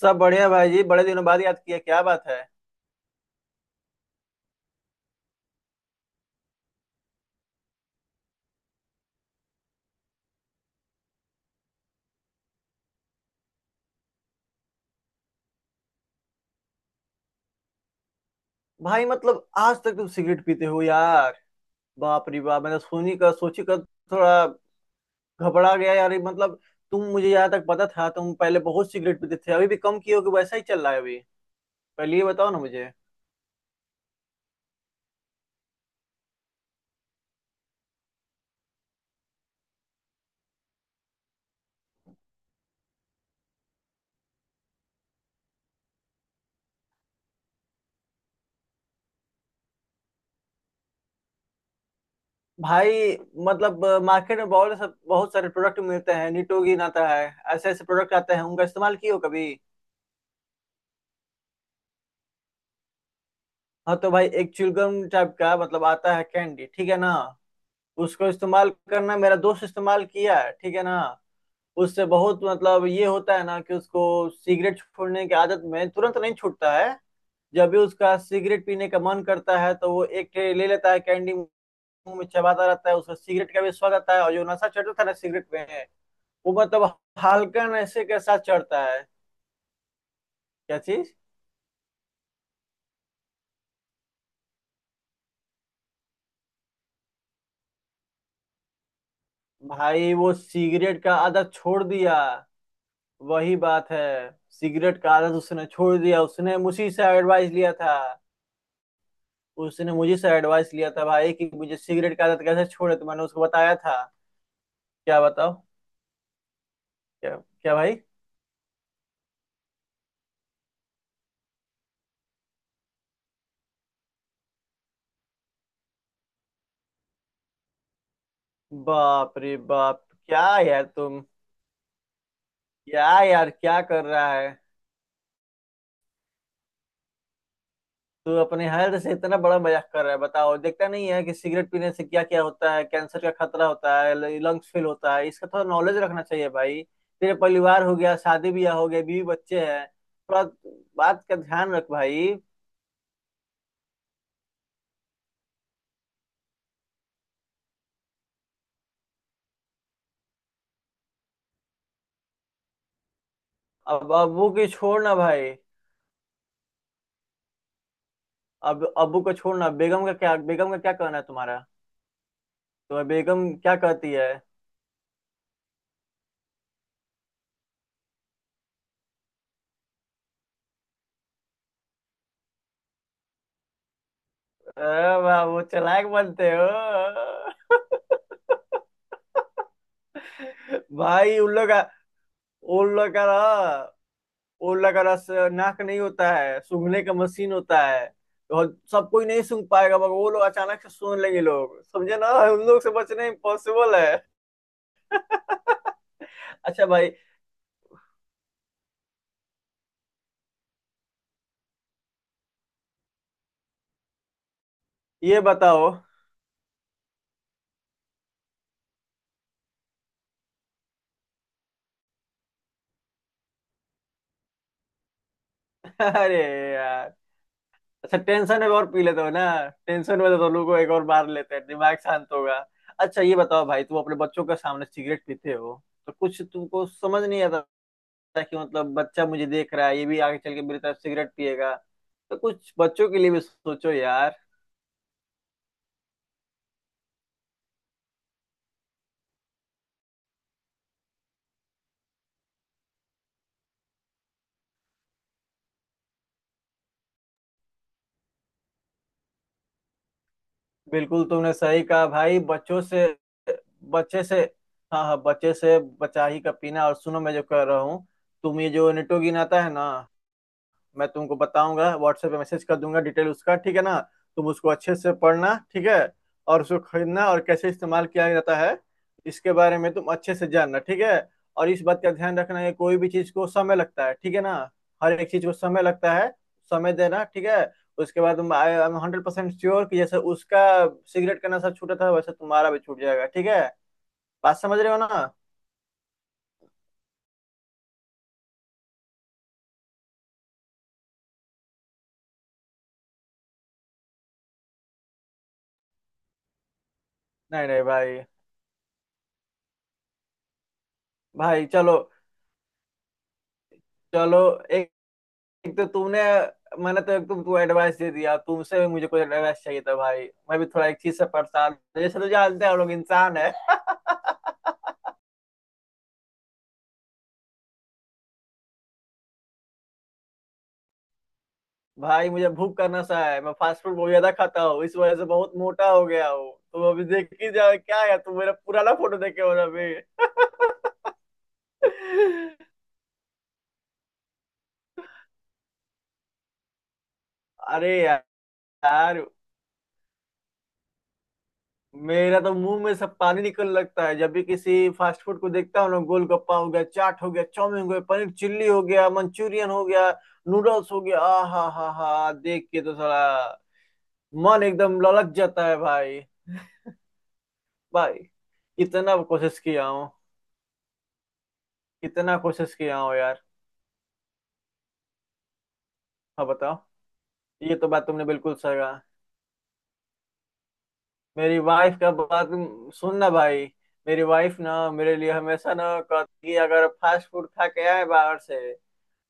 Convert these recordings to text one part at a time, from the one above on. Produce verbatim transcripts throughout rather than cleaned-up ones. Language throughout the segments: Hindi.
सब बढ़िया भाई जी। बड़े दिनों बाद याद किया, क्या बात है? भाई मतलब आज तक तुम सिगरेट पीते हो यार? बाप रे बाप, मैंने सुनी का सोची का। थोड़ा घबरा गया यार, ये मतलब तुम, मुझे यहाँ तक पता था तुम पहले बहुत सिगरेट पीते थे। अभी भी कम किए हो कि वैसा ही चल रहा है अभी? पहले ये बताओ ना मुझे। भाई मतलब मार्केट में बहुत सब बहुत सारे प्रोडक्ट मिलते हैं, निटोगिन आता है, ऐसे ऐसे प्रोडक्ट आते हैं। उनका इस्तेमाल किए हो कभी? हाँ तो भाई एक च्युइंगम टाइप का मतलब आता है, कैंडी, ठीक है ना। उसको इस्तेमाल करना, मेरा दोस्त इस्तेमाल किया है, ठीक है ना। उससे बहुत मतलब ये होता है ना कि उसको सिगरेट छोड़ने की आदत में तुरंत नहीं छूटता है। जब भी उसका सिगरेट पीने का मन करता है तो वो एक ट्रे ले लेता है, कैंडी मुंह में चबाता रहता है, उसका सिगरेट का भी स्वाद आता है और जो नशा चढ़ता था ना सिगरेट में वो मतलब हल्का नशे के साथ चढ़ता है। क्या चीज? भाई वो सिगरेट का आदत छोड़ दिया। वही बात है, सिगरेट का आदत उसने छोड़ दिया, उसने मुझी से एडवाइस लिया था। उसने मुझे से एडवाइस लिया था भाई कि मुझे सिगरेट की आदत कैसे छोड़े, तो मैंने उसको बताया था। क्या बताओ? क्या क्या भाई? बाप रे बाप, क्या यार तुम? क्या यार क्या कर रहा है तू? अपने हेल्थ से इतना बड़ा मजाक कर रहा है, बताओ। देखता नहीं है कि सिगरेट पीने से क्या क्या होता है? कैंसर का खतरा होता है, लंग्स फेल होता है, इसका थोड़ा नॉलेज रखना चाहिए भाई। तेरे परिवार हो गया, शादी ब्याह हो गया, बीवी बच्चे हैं, थोड़ा बात का ध्यान रख भाई। अब अब वो की छोड़ ना भाई। अब अबू को छोड़ना, बेगम का क्या? बेगम का क्या कहना है तुम्हारा? तो बेगम क्या कहती है? "अ, वाह वो चालाक बनते हो। भाई उन लोग का उन लोग का रस उन लोग का रस, नाक नहीं होता है, सूंघने का मशीन होता है। और सब कोई नहीं सूंघ पाएगा, मगर वो लोग अचानक से सूंघ लेंगे। लोग समझे ना, उन लोग से बचना इम्पॉसिबल है। अच्छा भाई, ये बताओ। अरे यार, अच्छा टेंशन एक और पी लेते हो ना। टेंशन में तो दोनों को एक और मार लेते हैं, दिमाग शांत होगा। अच्छा ये बताओ भाई, तुम अपने बच्चों के सामने सिगरेट पीते हो तो कुछ तुमको समझ नहीं आता था कि मतलब बच्चा मुझे देख रहा है, ये भी आगे चल के मेरी तरफ सिगरेट पिएगा? तो कुछ बच्चों के लिए भी सोचो यार। बिल्कुल तुमने सही कहा भाई। बच्चों से बच्चे से हाँ हाँ, बच्चे से बचा ही का पीना। और सुनो मैं जो कह रहा हूँ, तुम ये जो निटोगिन आता है ना, मैं तुमको बताऊंगा, व्हाट्सएप पे मैसेज कर दूंगा डिटेल उसका, ठीक है ना। तुम उसको अच्छे से पढ़ना, ठीक है। और उसको खरीदना और कैसे इस्तेमाल किया जाता है इसके बारे में तुम अच्छे से जानना, ठीक है। और इस बात का ध्यान रखना है, कोई भी चीज को समय लगता है, ठीक है ना। हर एक चीज को समय लगता है, समय देना, ठीक है। उसके बाद तुम I am hundred percent sure कि जैसे उसका सिगरेट का नशा छूटा था वैसे तुम्हारा भी छूट जाएगा, ठीक है। बात समझ रहे हो ना? नहीं नहीं भाई। भाई चलो, चलो। एक एक तो तुमने मैंने तो एक तो तू एडवाइस दे दिया, तुमसे भी मुझे कुछ एडवाइस चाहिए था भाई। मैं भी थोड़ा एक चीज से परेशान हूँ, जैसे तो जानते हैं हम लोग इंसान है। भाई मुझे भूख करना सा है, मैं फास्ट फूड बहुत ज्यादा खाता हूँ, इस वजह से बहुत मोटा हो गया हूँ। तुम अभी देख ही जाओ क्या है, तुम मेरा पुराना फोटो देखे हो ना अभी। अरे यार, मेरा तो मुंह में सब पानी निकल लगता है जब भी किसी फास्ट फूड को देखता हूँ ना। गोलगप्पा हो गया, चाट हो गया, चाउमीन हो गया, पनीर चिल्ली हो गया, मंचूरियन हो गया, नूडल्स हो गया, आ हा हा हा, देख के तो साला मन एकदम ललक जाता है भाई। भाई कितना कोशिश किया हूँ, कितना कोशिश किया हूँ यार। हाँ बताओ, ये तो बात तुमने बिल्कुल सही कहा। मेरी वाइफ का बात सुनना भाई। मेरी वाइफ ना मेरे लिए हमेशा ना कहती है, अगर फास्ट फूड खा के आए बाहर से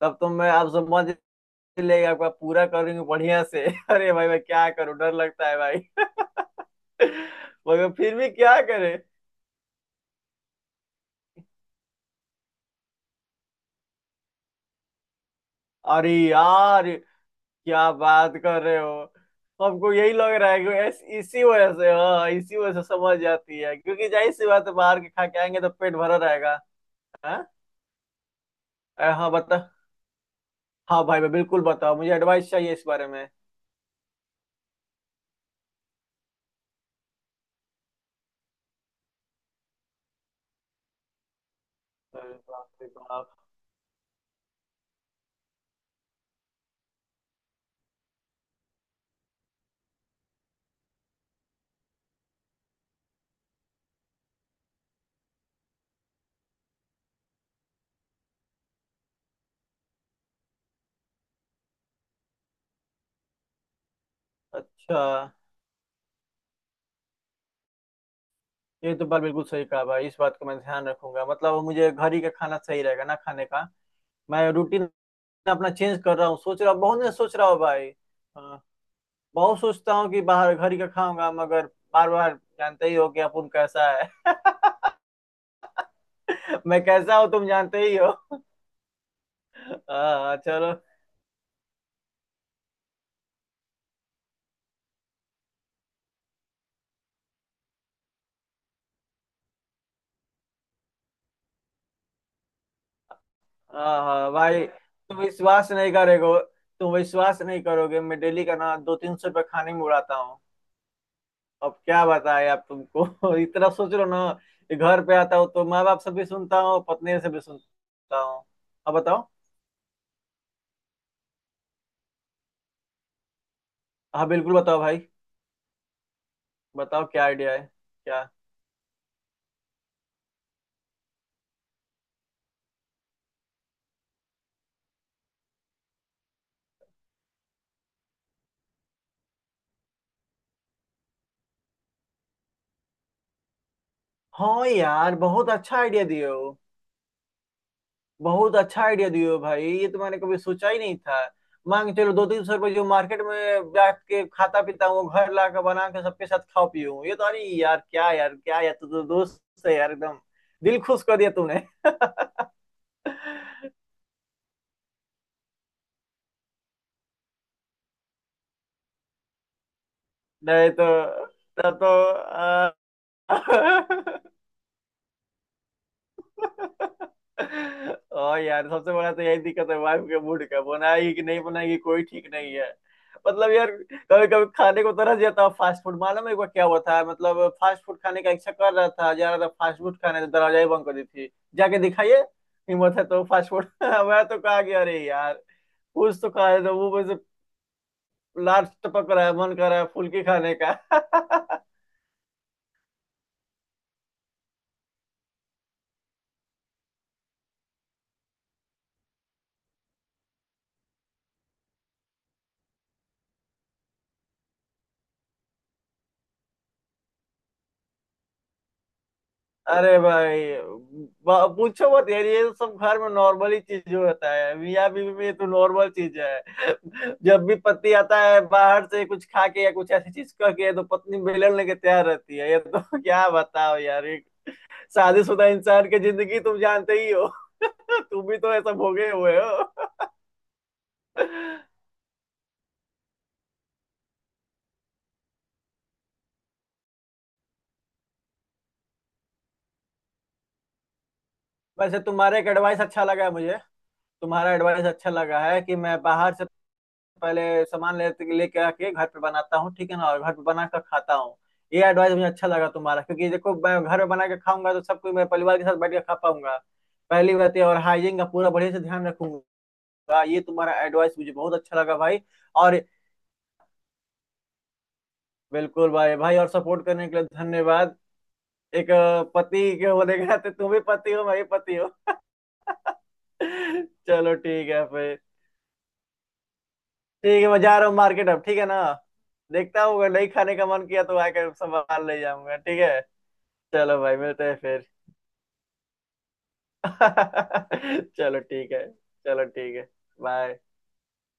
तब तो मैं आपसे लेगा, आपका पूरा करूंगी बढ़िया से। अरे भाई मैं क्या करूं, डर लगता है भाई। मगर फिर भी क्या करे। अरे यार क्या बात कर रहे हो। हमको यही लग रहा है कि ऐस- इसी वजह से, हाँ इसी वजह से समझ जाती है, क्योंकि जाहिर सी बात है बाहर के खा के आएंगे तो पेट भरा रहेगा। हाँ। अ, हाँ बता। हाँ भाई, मैं बिल्कुल बताओ मुझे एडवाइस चाहिए इस बारे में। अरे बाप रे बाप। अच्छा, ये तो बात बिल्कुल सही कहा भाई, इस बात को मैं ध्यान रखूंगा। मतलब मुझे घर ही का खाना सही रहेगा ना खाने का। मैं रूटीन अपना चेंज कर रहा हूँ, सोच रहा हूँ, बहुत दिन से सोच रहा हूँ भाई। हाँ, बहुत सोचता हूँ कि बाहर, घर ही का खाऊंगा, मगर बार बार जानते ही हो कि अपुन कैसा है। मैं कैसा हूँ तुम जानते ही हो। हाँ चलो। हाँ हाँ भाई, तुम विश्वास नहीं करेगो। तुम विश्वास नहीं करोगे, मैं डेली का ना दो तीन सौ रुपये खाने में उड़ाता हूँ। अब क्या बताए आप तुमको। इतना सोच लो ना, कि घर पे आता हूँ तो माँ बाप से भी सुनता हूँ, पत्नी से भी सुनता हूँ। अब बताओ। हाँ बिल्कुल बताओ भाई। बताओ क्या आइडिया है, क्या? हाँ यार बहुत अच्छा आइडिया दिए हो। बहुत अच्छा आइडिया दिए हो भाई, ये तो मैंने कभी सोचा ही नहीं था। मांग चलो, दो तीन सौ रुपये जो मार्केट में बैठ के खाता पीता हूँ वो घर ला के बना के सबके साथ खाओ पीऊँ। ये तो अरे यार, क्या यार क्या यार, तू तो दोस्त है यार एकदम, दिल खुश कर दिया तूने। नहीं तो, तब तो आ, और यार सबसे बड़ा तो यही दिक्कत है, वाइफ के मूड का, बनाएगी कि नहीं बनाएगी कोई ठीक नहीं है। मतलब यार कभी कभी खाने को तरस जाता हूँ फास्ट फूड। मालूम है एक बार क्या हुआ था, मतलब फास्ट फूड खाने का इच्छा कर रहा था, जा रहा था फास्ट फूड खाने तो दरवाजा ही बंद कर दी थी। जाके दिखाइए हिम्मत है तो फास्ट फूड। मैं तो कहा गया अरे यार, कुछ तो खा रहे थे वो बस। लार टपक रहा है, मन कर रहा है फुल्की खाने का। अरे भाई, ब- पूछो मत यार, ये तो सब घर में नॉर्मल ही चीज होता है, मियाँ बीवी में ये तो नॉर्मल चीज है। जब भी पति आता है बाहर से कुछ खा के या कुछ ऐसी चीज करके तो पत्नी बेलन लेके तैयार रहती है, ये तो। क्या बताओ यार, एक शादीशुदा इंसान की जिंदगी तुम जानते ही हो। तुम भी तो ऐसा भोगे हुए हो। वैसे तुम्हारा एक एडवाइस अच्छा लगा है मुझे। तुम्हारा एडवाइस अच्छा लगा है, कि मैं बाहर से पहले सामान ले लेके आके घर पे बनाता हूँ, ठीक है ना, और घर पे बना कर खाता हूँ। ये एडवाइस मुझे अच्छा लगा तुम्हारा, क्योंकि देखो मैं घर में बना के खाऊंगा तो सब कुछ मैं परिवार के साथ बैठ के खा पाऊंगा, पहली बात ये। और हाइजीन का पूरा बढ़िया से ध्यान रखूंगा। ये तुम्हारा एडवाइस मुझे बहुत अच्छा लगा भाई। और बिल्कुल भाई, भाई, और सपोर्ट करने के लिए धन्यवाद। एक अ, पति के होने के नाते तुम भी पति हो, मैं भी पति हूँ। चलो ठीक है फिर। ठीक है मैं जा रहा हूँ मार्केट अब, ठीक है ना। देखता हूँ अगर नहीं खाने का मन किया तो आकर सामान ले जाऊंगा, ठीक है। चलो भाई, मिलते हैं फिर। चलो ठीक है। चलो ठीक है। बाय।